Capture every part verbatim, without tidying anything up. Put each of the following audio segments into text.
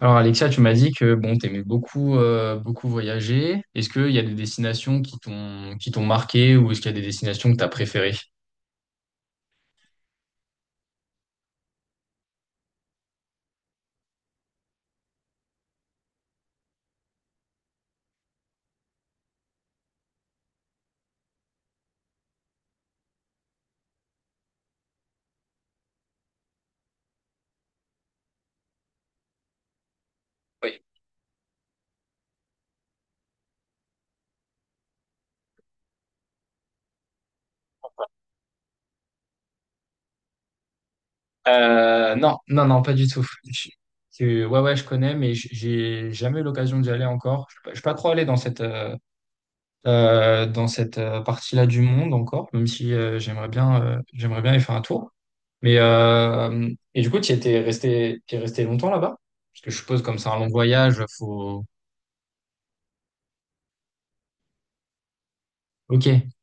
Alors Alexia, tu m'as dit que bon, t'aimais beaucoup euh, beaucoup voyager. Est-ce qu'il y a des destinations qui t'ont qui t'ont marqué, ou est-ce qu'il y a des destinations que t'as préférées? Oui. Euh, non, non, non, pas du tout. Je- je- ouais, ouais, je connais, mais j- j'ai jamais eu l'occasion d'y aller encore. Je suis pas, je suis pas trop allé dans cette euh, euh, dans cette euh, partie-là du monde encore, même si euh, j'aimerais bien euh, j'aimerais bien y faire un tour. Mais euh, et du coup, tu étais resté, tu resté longtemps là-bas? Parce que je suppose, comme c'est un long voyage, faut. Ok.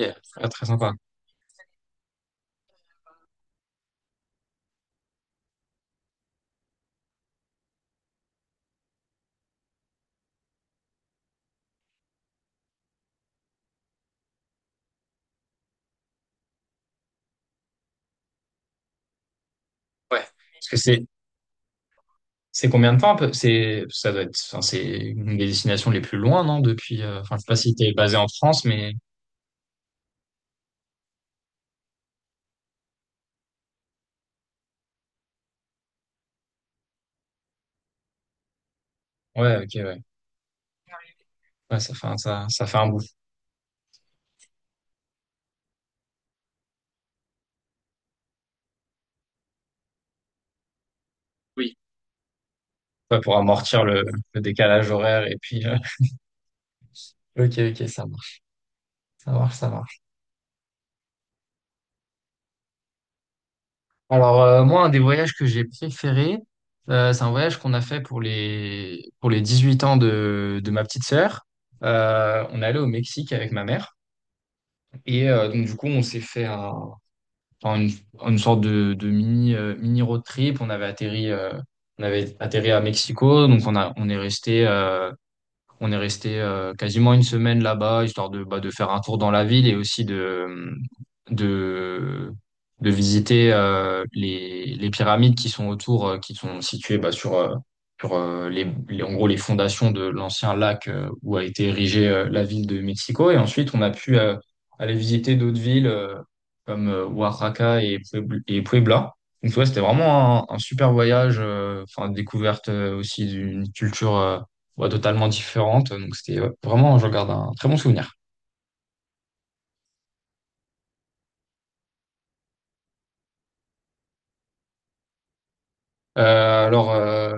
Ok, ah, très sympa. Ouais. Parce que c'est c'est combien de temps un peu? C'est Ça doit être. Enfin, c'est une des destinations les plus loin, non? Depuis... euh, Enfin, je sais pas si t'es basé en France, mais ouais, ok, ouais. Ouais, ça fait un, ça ça fait un bout. Oui. Ouais, pour amortir le, le décalage horaire et puis... euh, Ok, ok, ça marche, ça marche, ça marche. Alors, euh, moi, un des voyages que j'ai préféré, euh, c'est un voyage qu'on a fait pour les pour les dix-huit ans de de ma petite sœur. Euh, on est allé au Mexique avec ma mère. Et euh, donc du coup, on s'est fait un, enfin, une, une sorte de, de mini, euh, mini road trip. On avait atterri, euh, on avait atterri à Mexico. Donc on a, on est resté... euh, on est resté euh, quasiment une semaine là-bas, histoire de, bah, de faire un tour dans la ville, et aussi de, de, de visiter euh, les, les pyramides qui sont autour, euh, qui sont situées bah, sur, euh, sur euh, les, les- en gros, les fondations de l'ancien lac euh, où a été érigée euh, la ville de Mexico. Et ensuite, on a pu euh, aller visiter d'autres villes euh, comme euh, Oaxaca, et, Puebl- et Puebla. Donc ouais, c'était vraiment un, un super voyage, euh, enfin, découverte euh, aussi d'une culture, euh, ouais, totalement différente. Donc c'était, ouais, vraiment, je regarde un très bon souvenir. Euh, alors euh,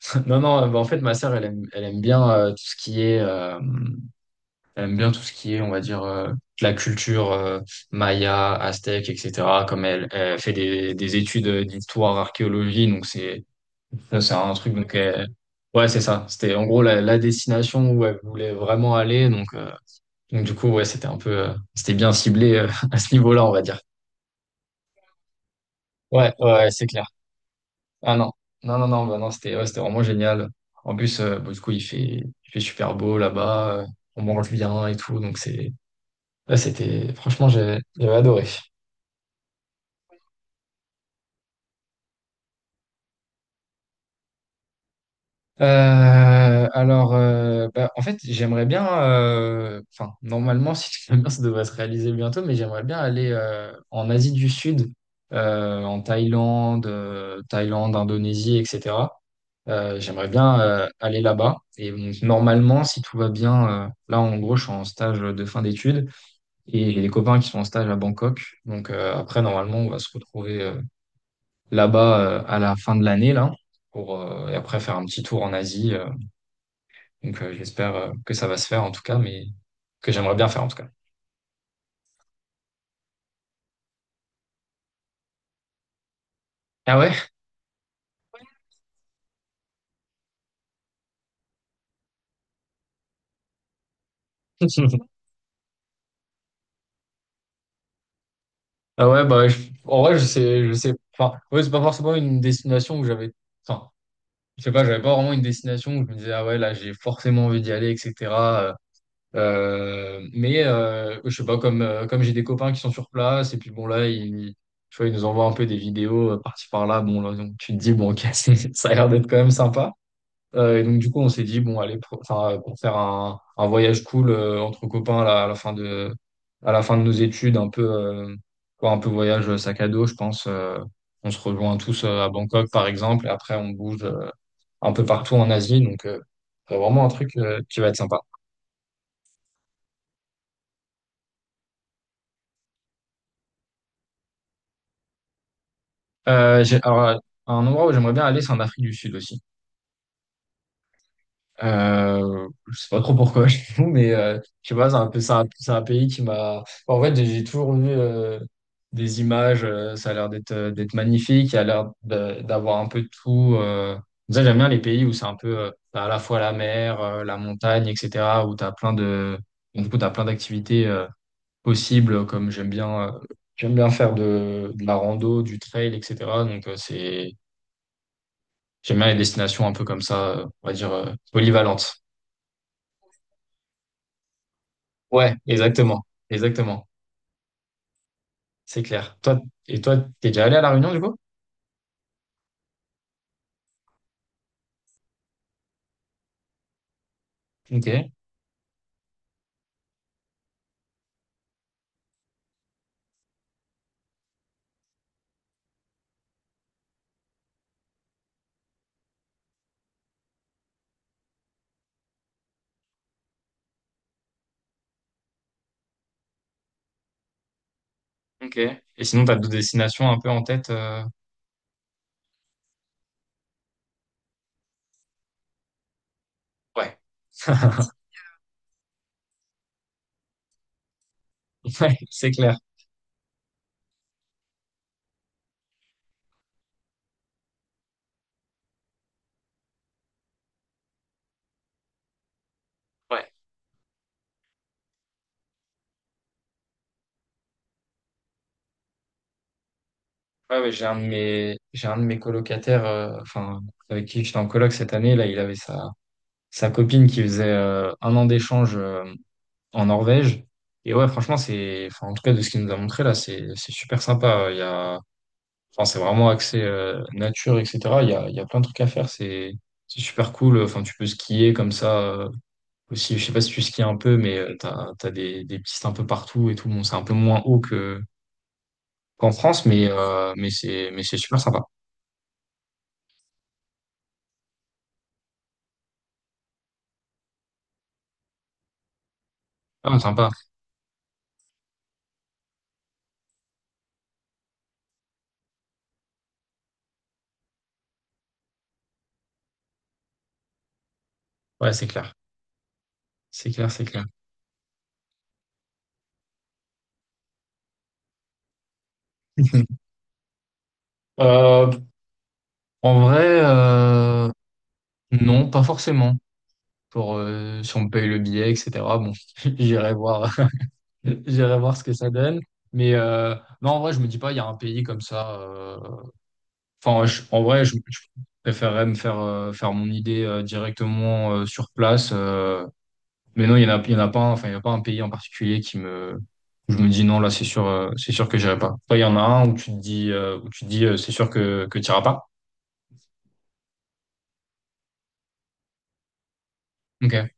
non, non, euh, bah en fait, ma sœur, elle aime elle aime bien euh, tout ce qui est euh, elle aime bien tout ce qui est, on va dire, euh, de la culture, euh, maya, aztèque, etc. Comme elle, elle fait des, des études d'histoire, archéologie, donc c'est ça, c'est un truc. Donc elle- ouais, c'est ça, c'était en gros la, la destination où elle voulait vraiment aller. Donc euh, donc du coup, ouais, c'était un peu, euh, c'était bien ciblé, euh à ce niveau-là, on va dire. Ouais, ouais, ouais, c'est clair. Ah non, non, non, non, bah non, c'était, ouais, c'était vraiment génial. En plus, euh, bah du coup, il fait, il fait super beau là-bas, euh, on mange bien et tout, donc c'est, là, c'était, franchement, j'ai- j'avais adoré. Euh, alors, euh, bah en fait, j'aimerais bien, euh, enfin, normalement, si tout va bien, ça devrait se réaliser bientôt, mais j'aimerais bien aller euh, en Asie du Sud, euh, en Thaïlande: euh, Thaïlande, Indonésie, et cetera. Euh, j'aimerais bien euh, aller là-bas. Et donc, normalement, si tout va bien, euh, là en gros, je suis en stage de fin d'études, et j'ai des copains qui sont en stage à Bangkok. Donc euh, après, normalement, on va se retrouver euh, là-bas, euh, à la fin de l'année, là, pour, euh, et après, faire un petit tour en Asie. euh. Donc, euh, j'espère euh, que ça va se faire, en tout cas, mais que j'aimerais bien faire, en tout cas. Ah ouais? Ah ouais, bah, je- en vrai, je sais, je sais. Enfin, ouais, c'est pas forcément une destination où j'avais... Enfin, je sais pas, j'avais pas vraiment une destination où je me disais, ah ouais, là, j'ai forcément envie d'y aller, et cetera. Euh, euh, mais euh, je sais pas, comme, euh, comme j'ai des copains qui sont sur place, et puis bon, là, ils, tu vois, ils nous envoient un peu des vidéos euh, par-ci par-là. Bon, là, donc, tu te dis, bon, ok, c'est- ça a l'air d'être quand même sympa. Euh, et donc, du coup, on s'est dit, bon, allez, pour, enfin, euh, pour faire un, un voyage cool, euh, entre copains là, à la fin de, à la fin de nos études, un peu, euh, quoi, un peu voyage sac à dos, je pense. Euh, on se rejoint tous euh, à Bangkok, par exemple, et après, on bouge un peu partout en Asie. Donc euh, c'est vraiment un truc euh, qui va être sympa. Euh, j'ai, alors, euh, un endroit où j'aimerais bien aller, c'est en Afrique du Sud aussi. Euh, je sais pas trop pourquoi, je t'avoue, mais euh, je sais pas, c'est un peu, c'est un, c'est un pays qui m'a... En fait, j'ai j'ai toujours vu euh, des images. Euh, ça a l'air d'être euh, d'être magnifique. Il y a l'air de- d'avoir un peu de tout. Euh... Ça, j'aime bien les pays où c'est un peu euh, t'as à la fois la mer, euh, la montagne, et cetera. Où t'as plein de, du coup, t'as plein d'activités euh, possible, comme j'aime bien, euh, j'aime bien faire de, de la rando, du trail, et cetera. Donc euh, c'est, j'aime bien les destinations un peu comme ça, euh, on va dire, euh, polyvalentes. Ouais, exactement, exactement, c'est clair. Toi, et toi, t'es déjà allé à La Réunion, du coup? Ok, ok. Et sinon, t'as d'autres destinations un peu en tête? euh, Ouais, ouais, c'est clair. Ouais, ouais, ouais, j'ai un de mes, j'ai un de mes colocataires, euh, enfin, avec qui j'étais en coloc cette année, là, il avait sa, sa copine qui faisait euh, un an d'échange, euh, en Norvège. Et ouais, franchement, c'est, enfin, en tout cas, de ce qu'il nous a montré là, c'est, c'est super sympa. Il y a, enfin, c'est vraiment axé euh, nature, et cetera. Il y a, il y a plein de trucs à faire. C'est, c'est super cool. Enfin, tu peux skier comme ça euh, aussi. Je sais pas si tu skis un peu, mais euh, t'as, t'as des, des pistes un peu partout et tout. Bon, c'est un peu moins haut que qu'en France, mais, euh, mais c'est, mais c'est super sympa. Ah, sympa. Ouais, c'est clair. C'est clair, c'est clair. Euh, En vrai, euh, non, pas forcément. Pour euh, Si on me paye le billet, et cetera. Bon, j'irai voir, j'irai voir ce que ça donne. Mais euh, non, en vrai, je me dis pas il y a un pays comme ça. euh, Enfin, je- en vrai, je, je préférerais me faire euh, faire mon idée euh, directement euh, sur place. Euh, mais non, il y en a, il y en a pas. un- Enfin, il y a pas un pays en particulier qui me, où je me dis non, là, c'est sûr, euh, c'est sûr que j'irai pas. Toi, il y en a un où tu te dis, euh, où tu te dis, euh, c'est sûr que que t'iras pas. Ok.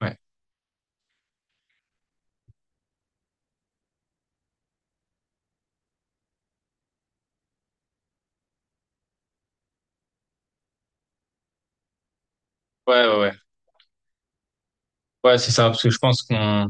Ouais. Ouais, ouais, ouais. Ouais, c'est ça, parce que je pense qu'on...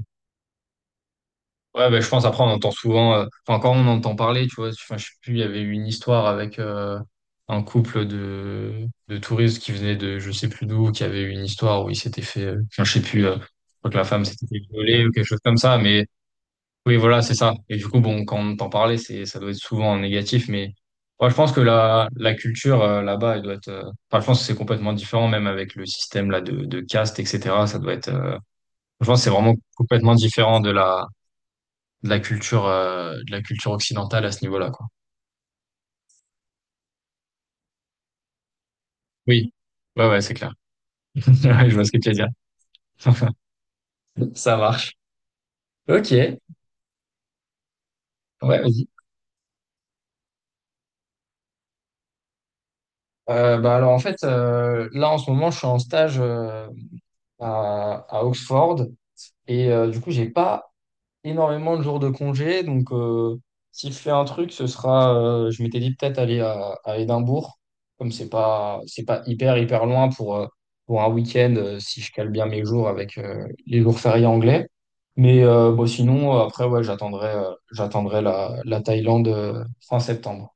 Ouais, bah, je pense, après, on entend souvent, euh, enfin, quand on entend parler, tu vois, enfin, je sais plus, il y avait eu une histoire avec euh, un couple de, de touristes qui venaient de je sais plus d'où, qui avait eu une histoire où il s'était fait, euh, enfin, je sais plus, euh, je crois que la femme s'était fait violer ou quelque chose comme ça, mais oui voilà, c'est ça. Et du coup, bon, quand on entend parler, c'est, ça doit être souvent en négatif, mais moi je pense que la, la culture euh, là-bas, elle doit être, euh, enfin, je pense que c'est complètement différent, même avec le système, là, de, de caste, et cetera. Ça doit être, euh, je pense que c'est vraiment complètement différent de la de la culture, euh, de la culture occidentale à ce niveau-là, quoi. Oui. Ouais, ouais, c'est clair. Ouais, je vois ce que tu veux dire. Ça marche. Ok. Ouais, vas-y. Euh, bah alors en fait, euh, là en ce moment, je suis en stage euh, à, à Oxford, et euh, du coup, j'ai pas énormément de jours de congé. Donc euh, si je fais un truc, ce sera, euh, je m'étais dit peut-être aller à, à Édimbourg, comme c'est pas, c'est pas hyper, hyper loin pour, euh, pour un week-end, euh, si je cale bien mes jours avec euh, les jours fériés anglais. Mais euh, bon, sinon, euh, après, ouais, j'attendrai, euh, j'attendrai la, la Thaïlande euh, fin septembre.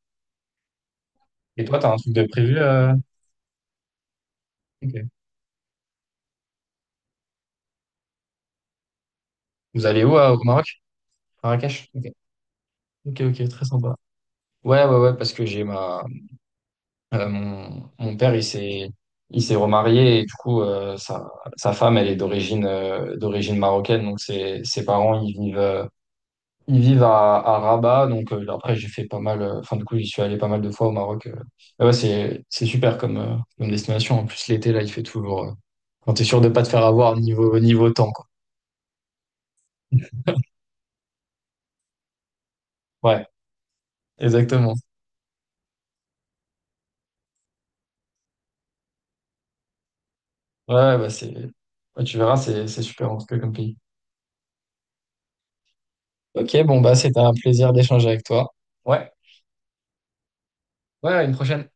Et toi, t'as un truc de prévu euh Ok. Vous allez où, euh, au Maroc? Marrakech? Ok, ok, ok, très sympa. Ouais, ouais, ouais, parce que j'ai ma... Euh, mon, mon père, il s'est, il s'est remarié, et du coup, euh, sa, sa femme, elle est d'origine euh, d'origine marocaine. Donc ses, ses parents, ils vivent, euh, ils vivent à, à Rabat. Donc euh, après, j'ai fait pas mal... euh, Enfin, du coup, j'y suis allé pas mal de fois au Maroc. euh. Mais ouais, c'est, c'est super comme, euh, comme destination. En plus, l'été, là, il fait toujours... euh, quand t'es sûr de pas te faire avoir niveau, niveau, temps, quoi. Ouais, exactement. Ouais, ouais, bah c'est, ouais, tu verras, c'est, c'est super en tout cas comme pays. Ok, bon, bah, c'était un plaisir d'échanger avec toi. Ouais, ouais, à une prochaine.